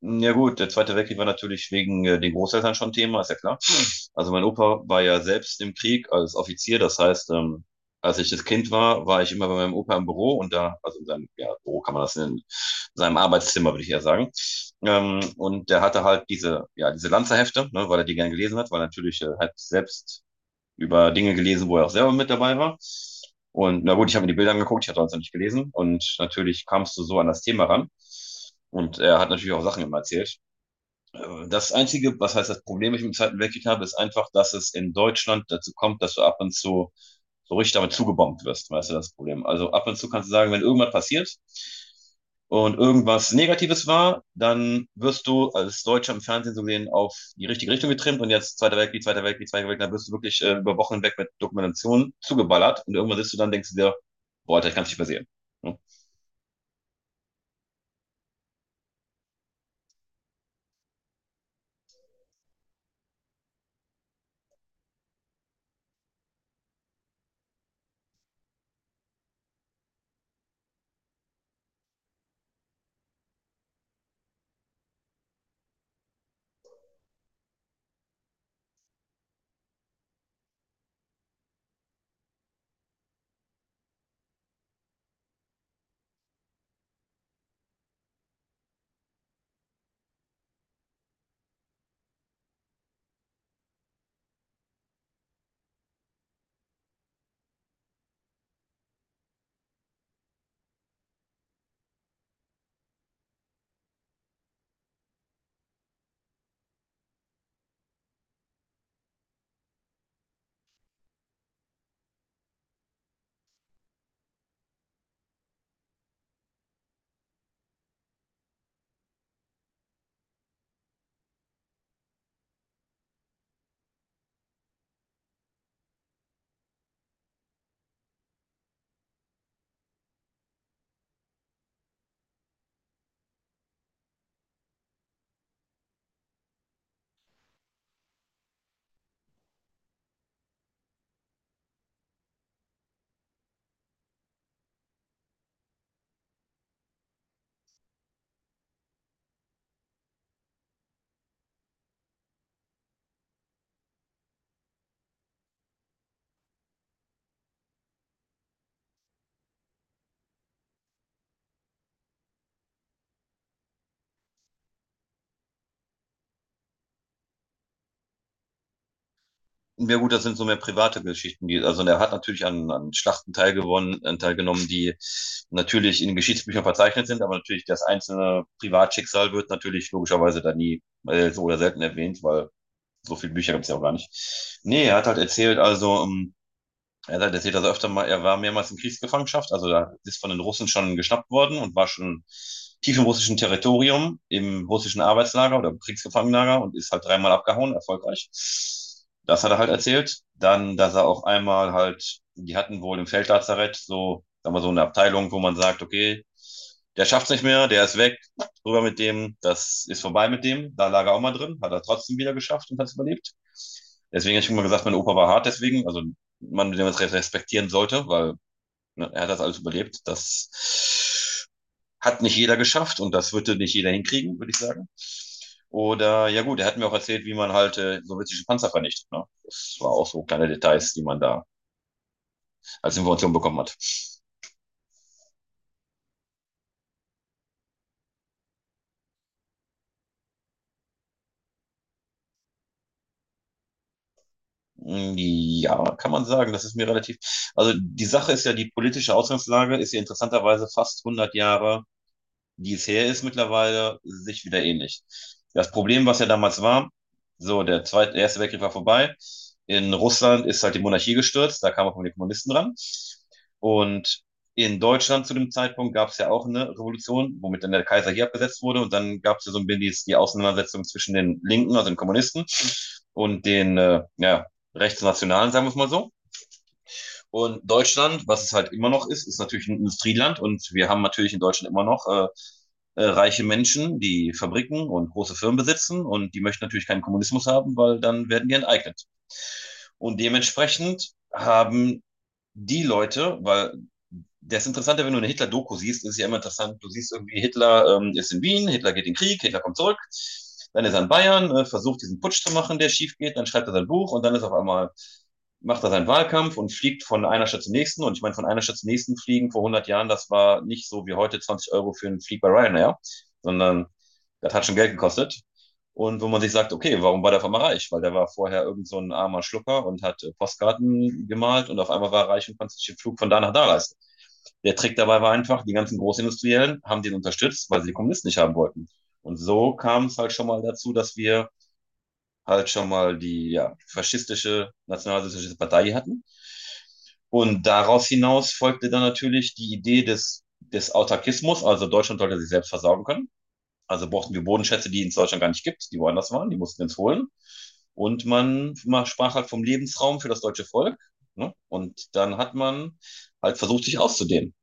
Ja gut, der Zweite Weltkrieg war natürlich wegen den Großeltern schon Thema, ist ja klar. Also mein Opa war ja selbst im Krieg als Offizier, das heißt, als ich das Kind war, war ich immer bei meinem Opa im Büro und da, also in seinem ja, Büro kann man das nennen, in seinem Arbeitszimmer würde ich eher sagen. Und der hatte halt diese, ja, diese Lanzerhefte, ne, weil er die gern gelesen hat, weil er natürlich halt selbst über Dinge gelesen, wo er auch selber mit dabei war. Und na gut, ich habe mir die Bilder angeguckt, ich hatte sonst noch nicht gelesen. Und natürlich kamst du so an das Thema ran. Und er hat natürlich auch Sachen immer erzählt, das einzige, was heißt das Problem, was ich im dem Zweiten Weltkrieg habe, ist einfach, dass es in Deutschland dazu kommt, dass du ab und zu so richtig damit zugebombt wirst. Weißt du, das Problem. Also ab und zu kannst du sagen, wenn irgendwas passiert und irgendwas Negatives war, dann wirst du als Deutscher im Fernsehen so gesehen auf die richtige Richtung getrimmt und jetzt Zweiter Weltkrieg, Zweiter Weltkrieg, Zweiter Weltkrieg, dann wirst du wirklich über Wochen hinweg mit Dokumentationen zugeballert und irgendwann sitzt du dann und denkst du dir, boah, Alter, ich kann es nicht mehr sehen. Ja? Ja gut, das sind so mehr private Geschichten, die, also er hat natürlich an, an Schlachten teilgenommen, die natürlich in den Geschichtsbüchern verzeichnet sind, aber natürlich das einzelne Privatschicksal wird natürlich logischerweise da nie so oder selten erwähnt, weil so viele Bücher gibt es ja auch gar nicht. Nee, er hat halt erzählt, also er sagt, er sieht also öfter mal, er war mehrmals in Kriegsgefangenschaft, also da ist von den Russen schon geschnappt worden und war schon tief im russischen Territorium, im russischen Arbeitslager oder im Kriegsgefangenenlager und ist halt dreimal abgehauen, erfolgreich. Das hat er halt erzählt. Dann, dass er auch einmal halt, die hatten wohl im Feldlazarett so, sagen wir so eine Abteilung, wo man sagt, okay, der schafft's nicht mehr, der ist weg, rüber mit dem, das ist vorbei mit dem. Da lag er auch mal drin, hat er trotzdem wieder geschafft und hat's überlebt. Deswegen habe ich immer gesagt, mein Opa war hart, deswegen, also man den respektieren sollte, weil ne, er hat das alles überlebt. Das hat nicht jeder geschafft und das würde nicht jeder hinkriegen, würde ich sagen. Oder, ja gut, er hat mir auch erzählt, wie man halt sowjetische Panzer vernichtet. Ne? Das war auch so kleine Details, die man da als Information bekommen hat. Mm, ja, kann man sagen, das ist mir relativ. Also die Sache ist ja, die politische Ausgangslage ist ja interessanterweise fast 100 Jahre wie es her ist mittlerweile, sich wieder ähnlich. Das Problem, was ja damals war, so, der erste Weltkrieg war vorbei. In Russland ist halt die Monarchie gestürzt, da kamen auch mal die Kommunisten ran. Und in Deutschland zu dem Zeitpunkt gab es ja auch eine Revolution, womit dann der Kaiser hier abgesetzt wurde. Und dann gab es ja so ein bisschen die Auseinandersetzung zwischen den Linken, also den Kommunisten, und den ja, Rechtsnationalen, sagen wir es mal so. Und Deutschland, was es halt immer noch ist, ist natürlich ein Industrieland und wir haben natürlich in Deutschland immer noch reiche Menschen, die Fabriken und große Firmen besitzen und die möchten natürlich keinen Kommunismus haben, weil dann werden die enteignet. Und dementsprechend haben die Leute, weil das Interessante, wenn du eine Hitler-Doku siehst, ist ja immer interessant. Du siehst irgendwie, Hitler ist in Wien, Hitler geht in den Krieg, Hitler kommt zurück, dann ist er in Bayern, versucht diesen Putsch zu machen, der schief geht, dann schreibt er sein Buch und dann ist auf einmal, macht er seinen Wahlkampf und fliegt von einer Stadt zur nächsten. Und ich meine, von einer Stadt zur nächsten fliegen vor 100 Jahren, das war nicht so wie heute 20 € für einen Flieg bei Ryanair, sondern das hat schon Geld gekostet. Und wo man sich sagt, okay, warum war der auf einmal reich? Weil der war vorher irgend so ein armer Schlucker und hat Postkarten gemalt und auf einmal war er reich und konnte sich den Flug von da nach da leisten. Der Trick dabei war einfach, die ganzen Großindustriellen haben den unterstützt, weil sie die Kommunisten nicht haben wollten. Und so kam es halt schon mal dazu, dass wir halt schon mal die ja, faschistische, nationalsozialistische Partei hatten. Und daraus hinaus folgte dann natürlich die Idee des Autarkismus, also Deutschland sollte sich selbst versorgen können. Also brauchten wir Bodenschätze, die es in Deutschland gar nicht gibt, die woanders waren, die mussten wir uns holen. Und man sprach halt vom Lebensraum für das deutsche Volk. Ne? Und dann hat man halt versucht, sich auszudehnen.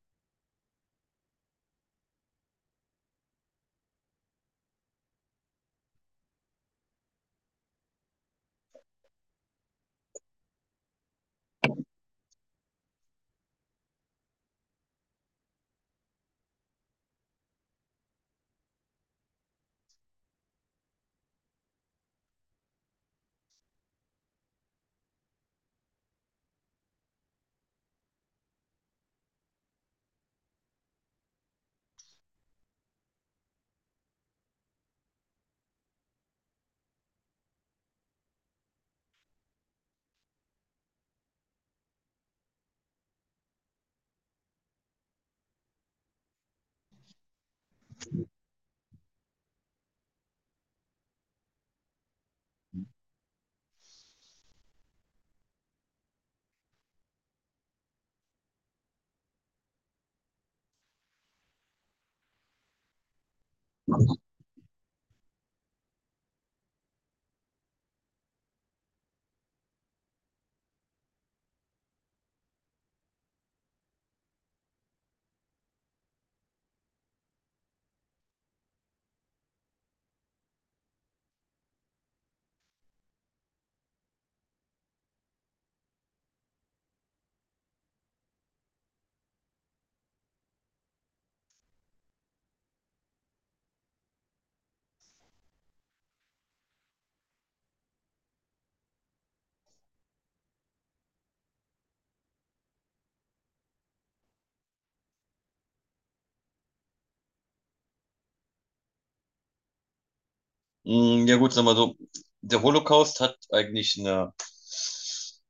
Mm, ja gut, sagen wir so, der Holocaust hat eigentlich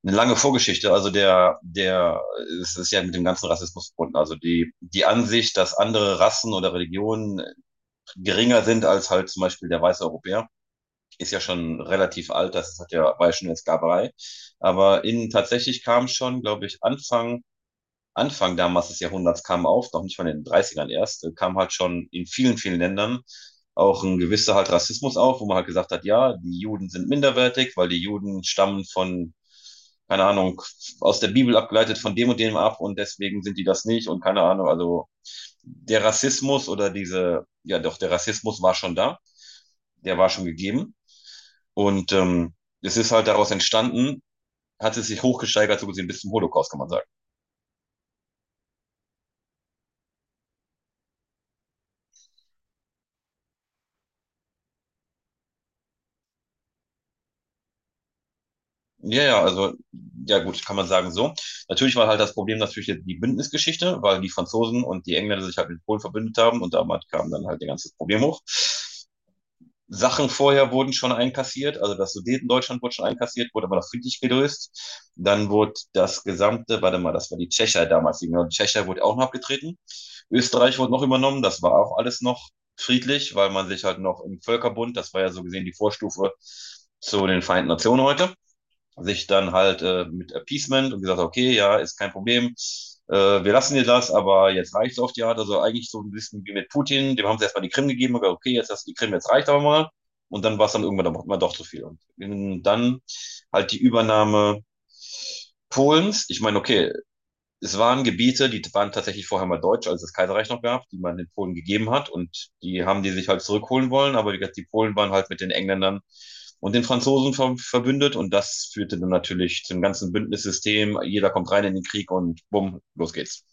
eine lange Vorgeschichte. Also es ist ja mit dem ganzen Rassismus verbunden. Also die Ansicht, dass andere Rassen oder Religionen geringer sind als halt zum Beispiel der weiße Europäer ist ja schon relativ alt, das hat ja, war ja schon in der Sklaverei. Aber in, tatsächlich kam schon, glaube ich, Anfang damals des Jahrhunderts kam auf, noch nicht mal in den Dreißigern ern erst, kam halt schon in vielen, vielen Ländern auch ein gewisser halt Rassismus auf, wo man halt gesagt hat, ja, die Juden sind minderwertig, weil die Juden stammen von, keine Ahnung, aus der Bibel abgeleitet von dem und dem ab und deswegen sind die das nicht und keine Ahnung, also der Rassismus oder diese, ja doch, der Rassismus war schon da, der war schon gegeben. Und es ist halt daraus entstanden, hat es sich hochgesteigert, so gesehen, bis zum Holocaust, kann man sagen. Ja, ja, also, ja gut, kann man sagen so. Natürlich war halt das Problem natürlich jetzt die Bündnisgeschichte, weil die Franzosen und die Engländer sich halt mit Polen verbündet haben und damit kam dann halt ihr ganzes Problem hoch. Sachen vorher wurden schon einkassiert, also das Sudetendeutschland wurde schon einkassiert, wurde aber noch friedlich gelöst. Dann wurde das gesamte, warte mal, das war die Tschechei damals, die Tschechei wurde auch noch abgetreten. Österreich wurde noch übernommen, das war auch alles noch friedlich, weil man sich halt noch im Völkerbund, das war ja so gesehen die Vorstufe zu den Vereinten Nationen heute sich dann halt mit Appeasement und gesagt, okay, ja, ist kein Problem, äh, wir lassen dir das, aber jetzt reicht's auf die Art. Also eigentlich so ein bisschen wie mit Putin, dem haben sie erstmal die Krim gegeben, und gesagt, okay, jetzt hast du die Krim, jetzt reicht aber mal. Und dann war es dann irgendwann doch, doch zu viel. Und dann halt die Übernahme Polens. Ich meine, okay, es waren Gebiete, die waren tatsächlich vorher mal deutsch, als es das Kaiserreich noch gab, die man den Polen gegeben hat und die haben die sich halt zurückholen wollen, aber wie gesagt, die Polen waren halt mit den Engländern und den Franzosen verbündet und das führte dann natürlich zum ganzen Bündnissystem, jeder kommt rein in den Krieg und bumm, los geht's.